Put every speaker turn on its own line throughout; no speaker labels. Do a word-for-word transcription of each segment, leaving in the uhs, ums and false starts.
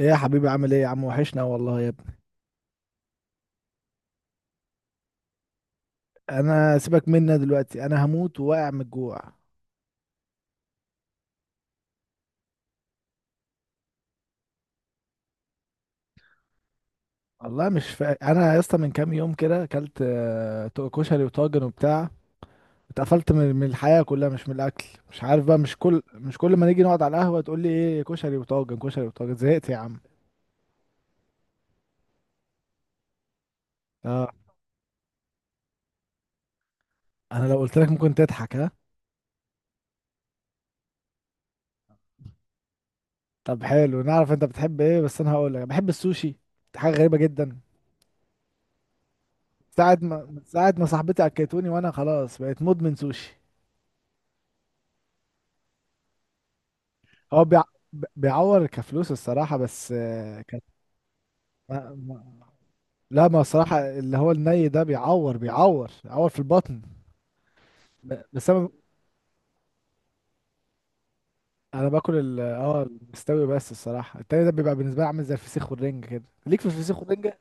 ايه يا حبيبي، عامل ايه يا عم؟ وحشنا والله يا ابني. انا سيبك منا دلوقتي، انا هموت وواقع من الجوع. والله مش فا... انا يا اسطى، من كام يوم كده اكلت آه، تو- كشري وطاجن وبتاع. اتقفلت من من الحياه كلها، مش من الاكل. مش عارف بقى، مش كل مش كل ما نيجي نقعد على القهوه تقول لي ايه، كشري وطاجن كشري وطاجن، زهقت يا عم. اه، انا لو قلت لك ممكن تضحك، ها؟ طب حلو، نعرف انت بتحب ايه، بس انا هقول لك: بحب السوشي. دي حاجه غريبه جدا. ساعة ما ساعة ما صاحبتي اكلتوني، وانا خلاص بقيت مدمن سوشي. هو بيع... بيعور كفلوس الصراحة، بس آه، كانت. ما... ما... لا، ما الصراحة اللي هو الني ده بيعور بيعور بيعور في البطن. ب... بس انا انا باكل ال اه المستوي، بس الصراحة التاني ده بيبقى بالنسبة لي عامل زي الفسيخ والرنجة كده. ليك في الفسيخ والرنجة؟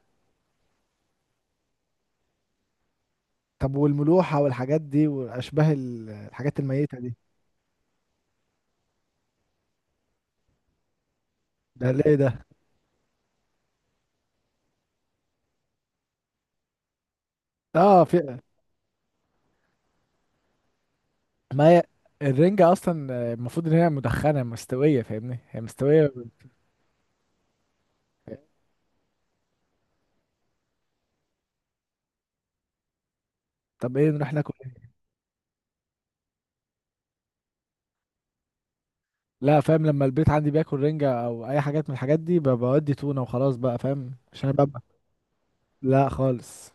طب والملوحة والحاجات دي واشباه ال- الحاجات الميتة دي؟ ده ليه ده؟ اه، في. ما هي الرنجة اصلا آه، المفروض ان هي مدخنة مستوية، فاهمني؟ هي مستوية. طب ايه، نروح ناكل؟ لا فاهم، لما البيت عندي بياكل رنجة او اي حاجات من الحاجات دي ب- بودي تونة وخلاص بقى، فاهم؟ عشان انا ببقى. لا خالص.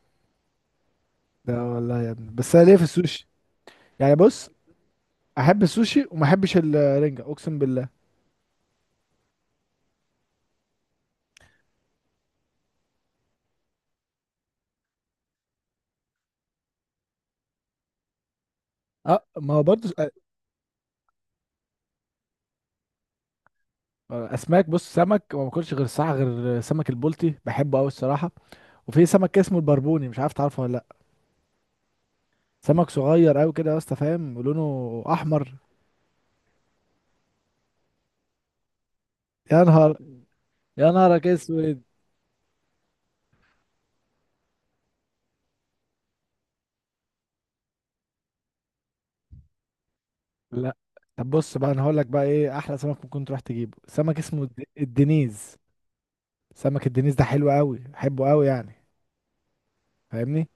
ده والله يا ابني، بس انا ليه في السوشي. يعني بص، احب السوشي وما احبش الرنجة، اقسم بالله. اه، ما هو برضه أ- اسماك. بص، سمك وما باكلش غير الصراحة غير سمك البلطي، بحبه قوي الصراحة. وفي سمك كده اسمه البربوني، مش عارف تعرفه ولا لا؟ سمك صغير قوي كده يا اسطى، فاهم؟ ولونه احمر. يا نهار، يا نهارك اسود. لا. طب بص بقى، انا هقول لك بقى ايه احلى سمك ممكن تروح تجيبه: سمك اسمه الد- الدنيز. سمك الدنيز ده حلو قوي، بحبه قوي يعني. فاهمني؟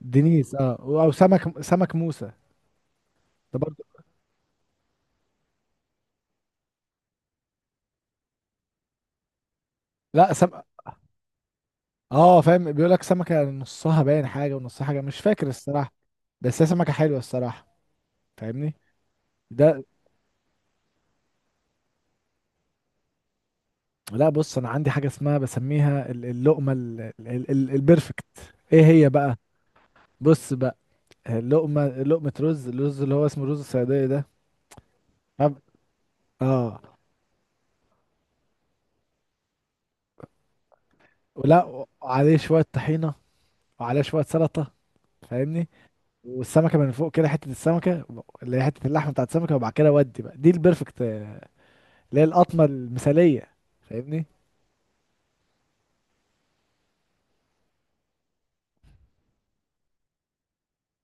دنيز، اه. او سمك سمك موسى. ده برضه. لا، سم... اه فاهم، بيقول لك سمكه نصها باين حاجه ونصها حاجه، مش فاكر الصراحه. بس هي سمكه حلوه الصراحه. فاهمني؟ ده. لا بص، انا عندي حاجه اسمها بسميها ال- اللقمه ال- ال- ال- البرفكت. ايه هي بقى؟ بص بقى، اللقمه، لقمه رز الرز اللي هو اسمه رز الصياديه ده. طب- اه. ولا وعليه شوية طحينة، وعليه شوية سلطة. فاهمني؟ والسمكة من فوق كده حتة السمكة، اللي هي حتة اللحم بتاعت السمكة، وبعد كده ودي بقى دي البرفكت، آه، اللي هي القطمة المثالية. فاهمني؟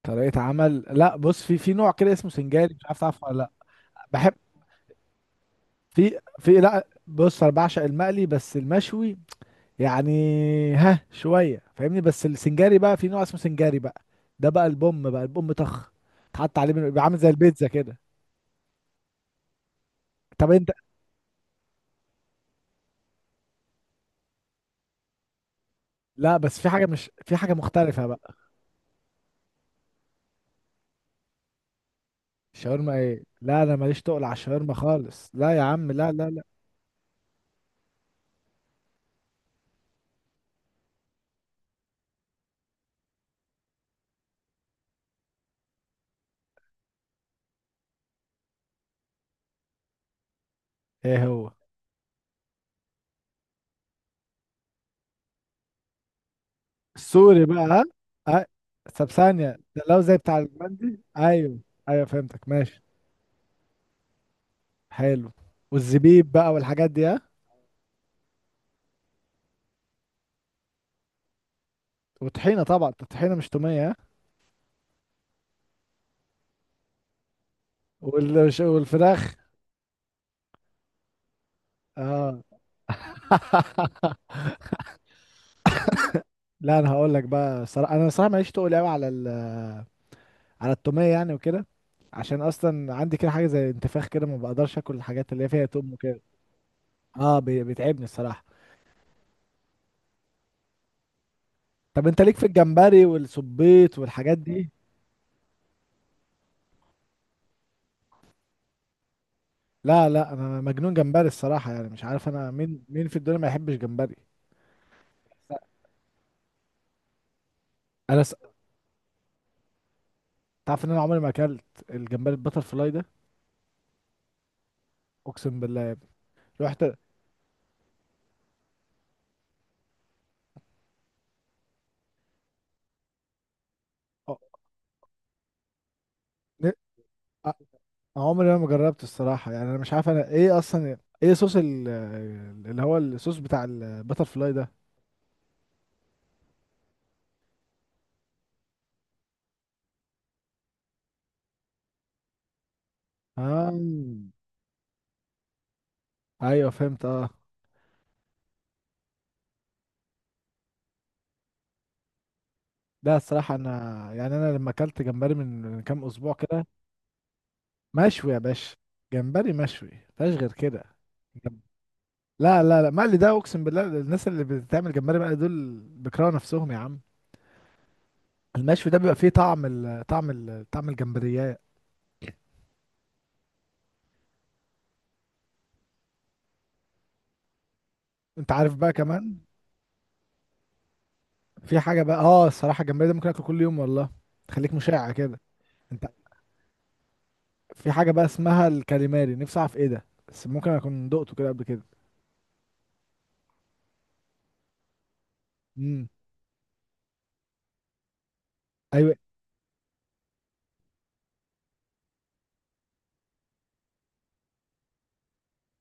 طريقة عمل، لا بص، في في نوع كده اسمه سنجاري، مش عارف تعرفه ولا لا؟ بحب. في في لا بص، انا بعشق المقلي بس المشوي يعني. ها شوية، فاهمني؟ بس السنجاري بقى، في نوع اسمه سنجاري بقى. ده بقى البوم، بقى البوم طخ. تحط عليه من- بيبقى عامل زي البيتزا كده. طب انت. لا بس في حاجة مش في حاجة مختلفة بقى. الشاورما ايه؟ لا انا ماليش تقل على الشاورما خالص، لا يا عم، لا لا لا. ايه هو؟ السوري بقى، ها؟ أه؟ طب ثانية، ده لو زي بتاع البندي، ايوه. ايوه فهمتك، ماشي. حلو. والزبيب بقى والحاجات دي، ها؟ وطحينة طبعا، الطحينة مش تومية، ها؟ والش- والفراخ. اه. لا انا هقول لك بقى صراحة، انا صراحة ماليش تقل قوي على ال... على التومية يعني وكده. عشان اصلا عندي كده حاجة زي انتفاخ كده، ما بقدرش اكل الحاجات اللي هي فيها توم وكده. اه، بي- بيتعبني الصراحه. طب انت ليك في الجمبري والسبيط والحاجات دي؟ لا لا، انا مجنون جمبري الصراحه يعني، مش عارف انا مين مين في الدنيا ما يحبش جمبري. انا س... تعرف ان انا عمري ما اكلت الجمبري البتر فلاي ده. اقسم بالله يا ابني. رحت. أ- ن- أ- عمري ما جربت الصراحه يعني، انا مش عارف انا ايه اصلا. ايه صوص ال... اللي هو الصوص بتاع البتر فلاي ده؟ آه. ايوه فهمت، اه. لا الصراحه انا. يعني انا لما اكلت جمبري من من كام اسبوع كده. مشوي يا باشا. جمبري مشوي، مفيهاش غير كده. جم... لا لا لا، مقلي ده اقسم بالله، الناس اللي بتعمل جمبري مقلي دول بيكرهوا نفسهم يا عم. المشوي ده بيبقى فيه طعم ال... طعم ال... طعم الجمبريات. انت عارف بقى كمان. في حاجه بقى، اه الصراحه الجمبري ده ممكن اكله كل يوم والله. تخليك مشاع كده. انت. في حاجه بقى اسمها الكاليماري، نفسي اعرف ايه ده، بس ممكن اكون دقته كده قبل كده. امم. ايوه.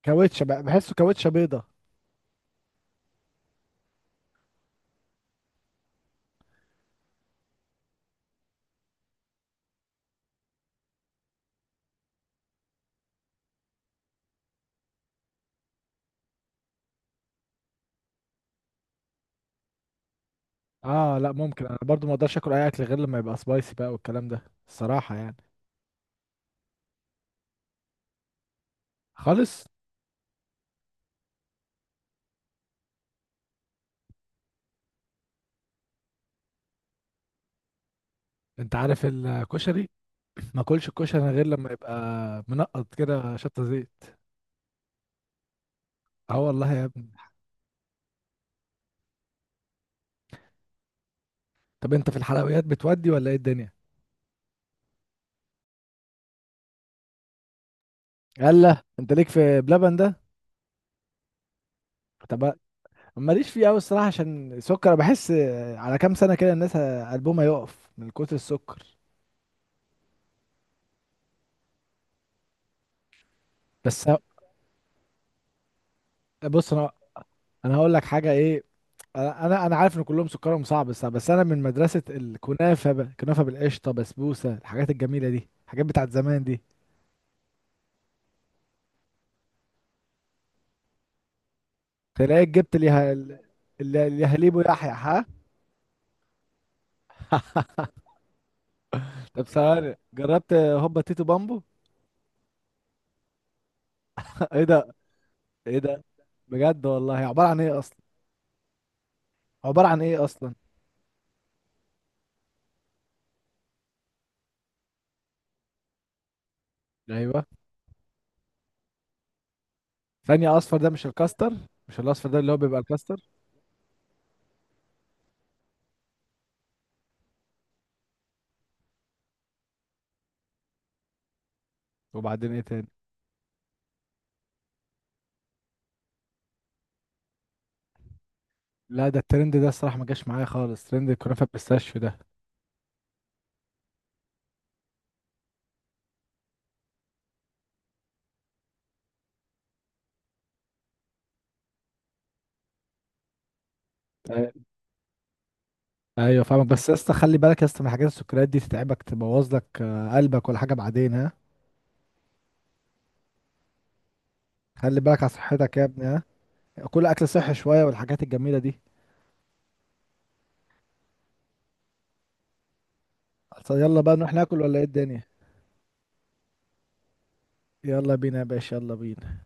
كاوتشه بقى، بحسه كاوتشه بيضه. اه، لا ممكن، انا برضو ما اقدرش اكل اي اكل غير لما يبقى سبايسي بقى والكلام ده. الصراحه يعني. خالص. انت عارف الكشري؟ ما اكلش الكشري غير لما يبقى منقط كده شطه زيت. اه والله يا ابني. طب انت في الحلويات بتودي ولا ايه الدنيا؟ يلا، انت ليك في بلبن ده؟ طب، ماليش فيه قوي الصراحه، عشان السكر بحس. على كام سنه كده الناس قلبهم هيقف من كتر السكر. بس بص انا، انا هقول لك حاجه ايه. انا انا أنا عارف ان كلهم سكرهم صعب، بس بس انا من مدرسه الكنافه بقى، كنافه بالقشطه بسبوسه، الحاجات الجميله دي، الحاجات بتاعت زمان دي. تلاقيك جبت ليه... اللي اللي هليبو يحيى، ها؟ طب ثواني جربت هوبا تيتو بامبو؟ ايه ده؟ ايه ده بجد والله؟ عبارة عن ايه اصلا؟ عبارة عن ايه اصلا؟ ايوه. ثانية، اصفر ده مش الكاستر؟ مش الاصفر ده اللي هو بيبقى الكاستر؟ وبعدين ايه تاني؟ لا ده الترند ده الصراحة ما جاش معايا خالص، ترند الكنافة بالبيستاشيو ده. أي- ايوه فاهمك، بس يا اسطى خلي بالك يا اسطى من حاجات السكريات دي، تتعبك، تبوظ لك آه، قلبك ولا حاجة بعدين، ها؟ خلي بالك على صحتك يا ابني، ها؟ كل اكل صحي شوية والحاجات الجميلة دي. طب يلا بقى نروح ناكل ولا ايه الدنيا؟ يلا بينا يا باشا، يلا بينا.